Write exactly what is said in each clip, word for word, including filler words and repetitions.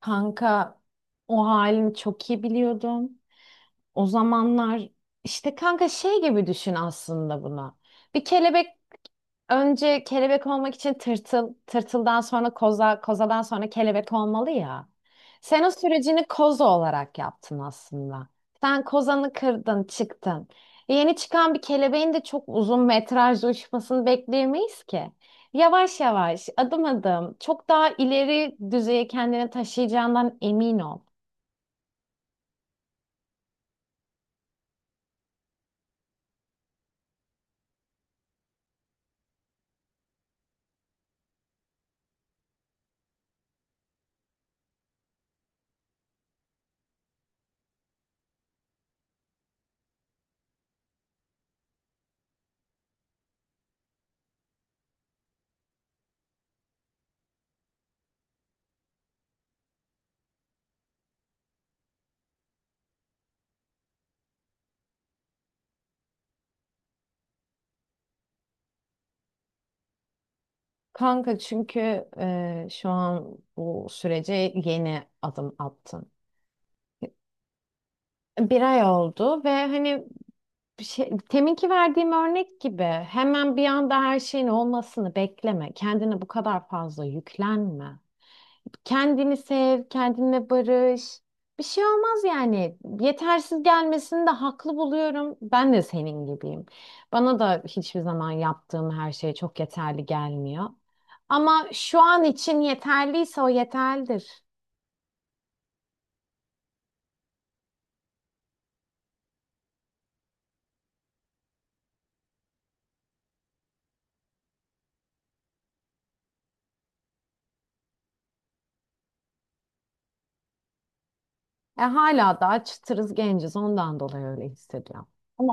Kanka o halini çok iyi biliyordum. O zamanlar işte kanka şey gibi düşün aslında buna. Bir kelebek önce kelebek olmak için tırtıl, tırtıldan sonra koza, kozadan sonra kelebek olmalı ya. Sen o sürecini koza olarak yaptın aslında. Sen kozanı kırdın, çıktın. Yeni çıkan bir kelebeğin de çok uzun metrajlı uçmasını bekleyemeyiz ki. Yavaş yavaş, adım adım, çok daha ileri düzeye kendini taşıyacağından emin ol. Kanka çünkü e, şu an bu sürece yeni adım attın. Bir ay oldu ve hani bir şey, teminki verdiğim örnek gibi hemen bir anda her şeyin olmasını bekleme. Kendine bu kadar fazla yüklenme. Kendini sev, kendinle barış. Bir şey olmaz yani. Yetersiz gelmesini de haklı buluyorum. Ben de senin gibiyim. Bana da hiçbir zaman yaptığım her şey çok yeterli gelmiyor. Ama şu an için yeterliyse o yeterlidir. E hala daha çıtırız genciz ondan dolayı öyle hissediyorum. Ama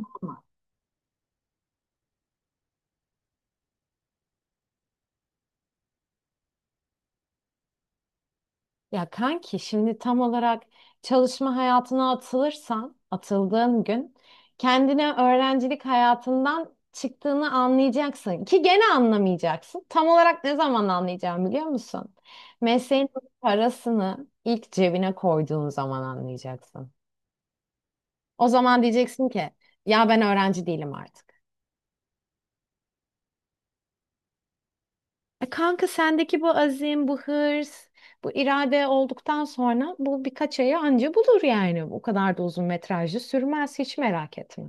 Ya kanki şimdi tam olarak çalışma hayatına atılırsan, atıldığın gün kendine öğrencilik hayatından çıktığını anlayacaksın ki gene anlamayacaksın. Tam olarak ne zaman anlayacağım biliyor musun? Mesleğin parasını ilk cebine koyduğun zaman anlayacaksın. O zaman diyeceksin ki ya ben öğrenci değilim artık. E, kanka sendeki bu azim, bu hırs, bu irade olduktan sonra bu birkaç ayı anca bulur yani. O kadar da uzun metrajlı sürmez hiç merak etme.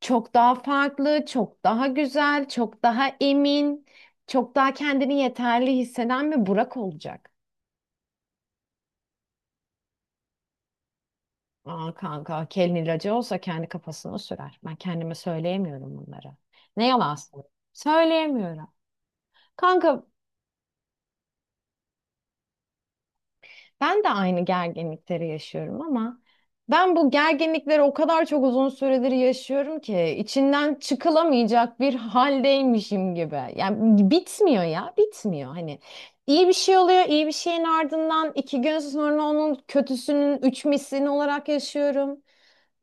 Çok daha farklı, çok daha güzel, çok daha emin, çok daha kendini yeterli hisseden bir Burak olacak. Aa kanka, kelin ilacı olsa kendi kafasına sürer. Ben kendime söyleyemiyorum bunları. Ne yalan söyleyeyim. Söyleyemiyorum. Kanka, ben de aynı gerginlikleri yaşıyorum ama ben bu gerginlikleri o kadar çok uzun süredir yaşıyorum ki içinden çıkılamayacak bir haldeymişim gibi. Yani bitmiyor ya, bitmiyor. Hani iyi bir şey oluyor, iyi bir şeyin ardından iki gün sonra onun kötüsünün üç mislini olarak yaşıyorum.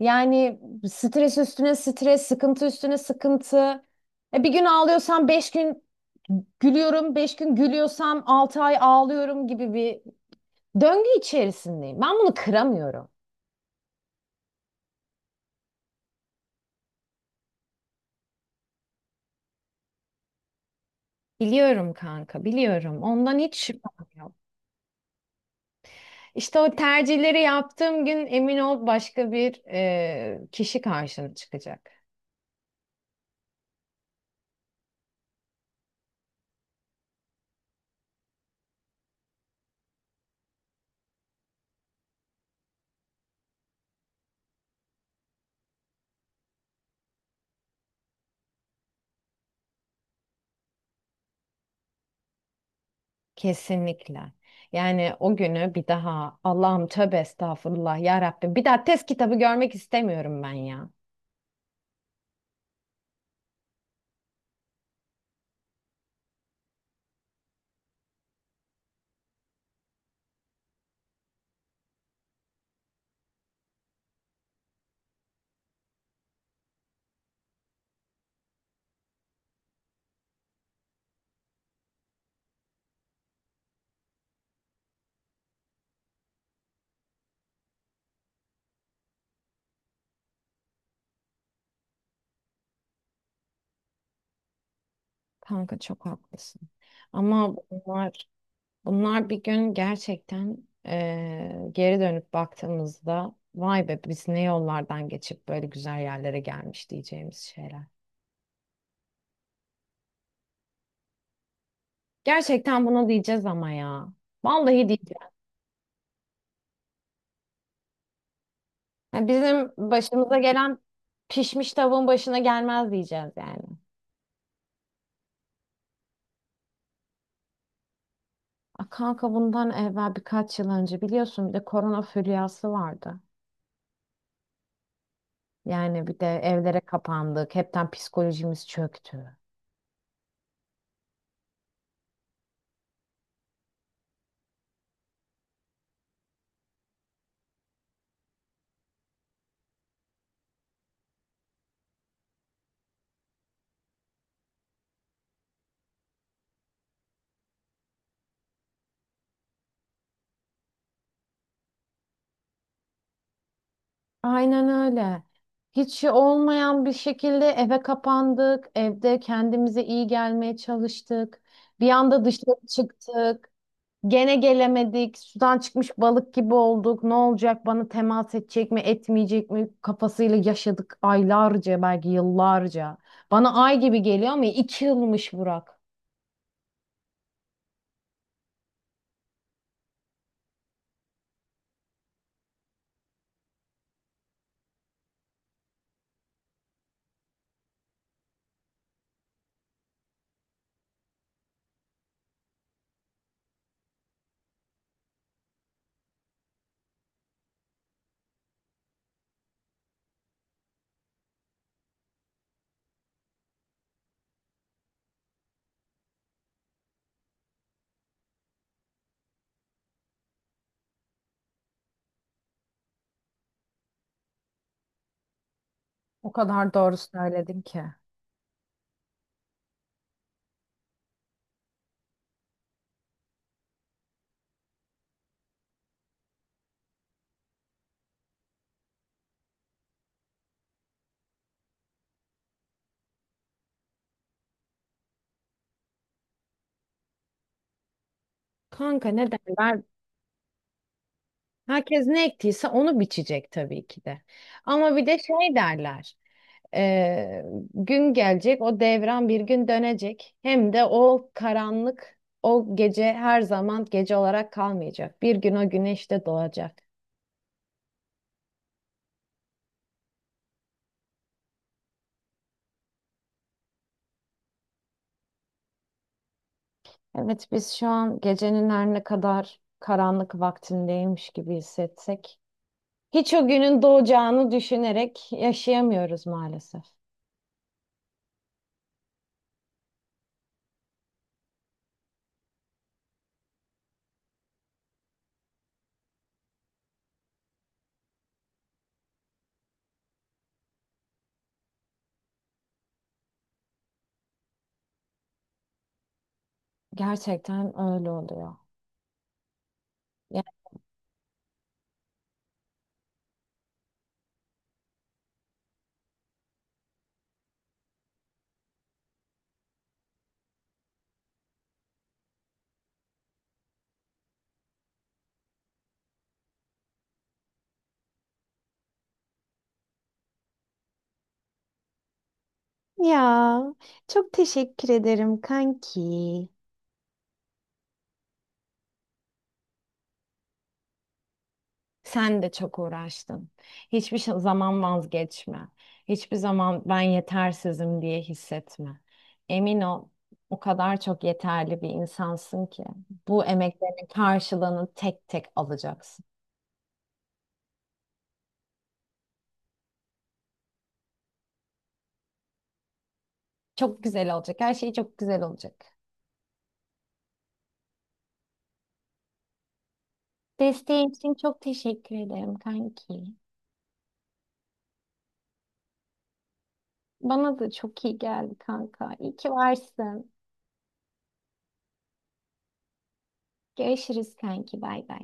Yani stres üstüne stres, sıkıntı üstüne sıkıntı. E bir gün ağlıyorsam beş gün gülüyorum, beş gün gülüyorsam altı ay ağlıyorum gibi bir döngü içerisindeyim. Ben bunu kıramıyorum. Biliyorum kanka, biliyorum. Ondan hiç şüphem yok. İşte o tercihleri yaptığım gün emin ol başka bir e, kişi karşına çıkacak. Kesinlikle. Yani o günü bir daha Allah'ım tövbe estağfurullah ya Rabbim bir daha test kitabı görmek istemiyorum ben ya. Kanka çok haklısın. Ama bunlar Bunlar bir gün gerçekten eee, geri dönüp baktığımızda vay be biz ne yollardan geçip böyle güzel yerlere gelmiş diyeceğimiz şeyler. Gerçekten buna diyeceğiz ama ya. Vallahi diyeceğiz. Ya bizim başımıza gelen pişmiş tavuğun başına gelmez diyeceğiz yani. A kanka bundan evvel birkaç yıl önce biliyorsun bir de korona furyası vardı. Yani bir de evlere kapandık. Hepten psikolojimiz çöktü. Aynen öyle. Hiç şey olmayan bir şekilde eve kapandık. Evde kendimize iyi gelmeye çalıştık. Bir anda dışarı çıktık. Gene gelemedik. Sudan çıkmış balık gibi olduk. Ne olacak? Bana temas edecek mi, etmeyecek mi? Kafasıyla yaşadık aylarca, belki yıllarca. Bana ay gibi geliyor ama iki yılmış Burak. O kadar doğru söyledin ki. Kanka ne derler? Herkes ne ektiyse onu biçecek tabii ki de. Ama bir de şey derler. e, Gün gelecek, o devran bir gün dönecek. Hem de o karanlık, o gece her zaman gece olarak kalmayacak. Bir gün o güneş de doğacak. Evet, biz şu an gecenin her ne kadar karanlık vaktindeymiş gibi hissetsek, hiç o günün doğacağını düşünerek yaşayamıyoruz maalesef. Gerçekten öyle oluyor. Ya çok teşekkür ederim kanki. Sen de çok uğraştın. Hiçbir şey- zaman vazgeçme. Hiçbir zaman ben yetersizim diye hissetme. Emin ol, o kadar çok yeterli bir insansın ki bu emeklerin karşılığını tek tek alacaksın. Çok güzel olacak. Her şey çok güzel olacak. Desteğin için çok teşekkür ederim kanki. Bana da çok iyi geldi kanka. İyi ki varsın. Görüşürüz kanki. Bay bay.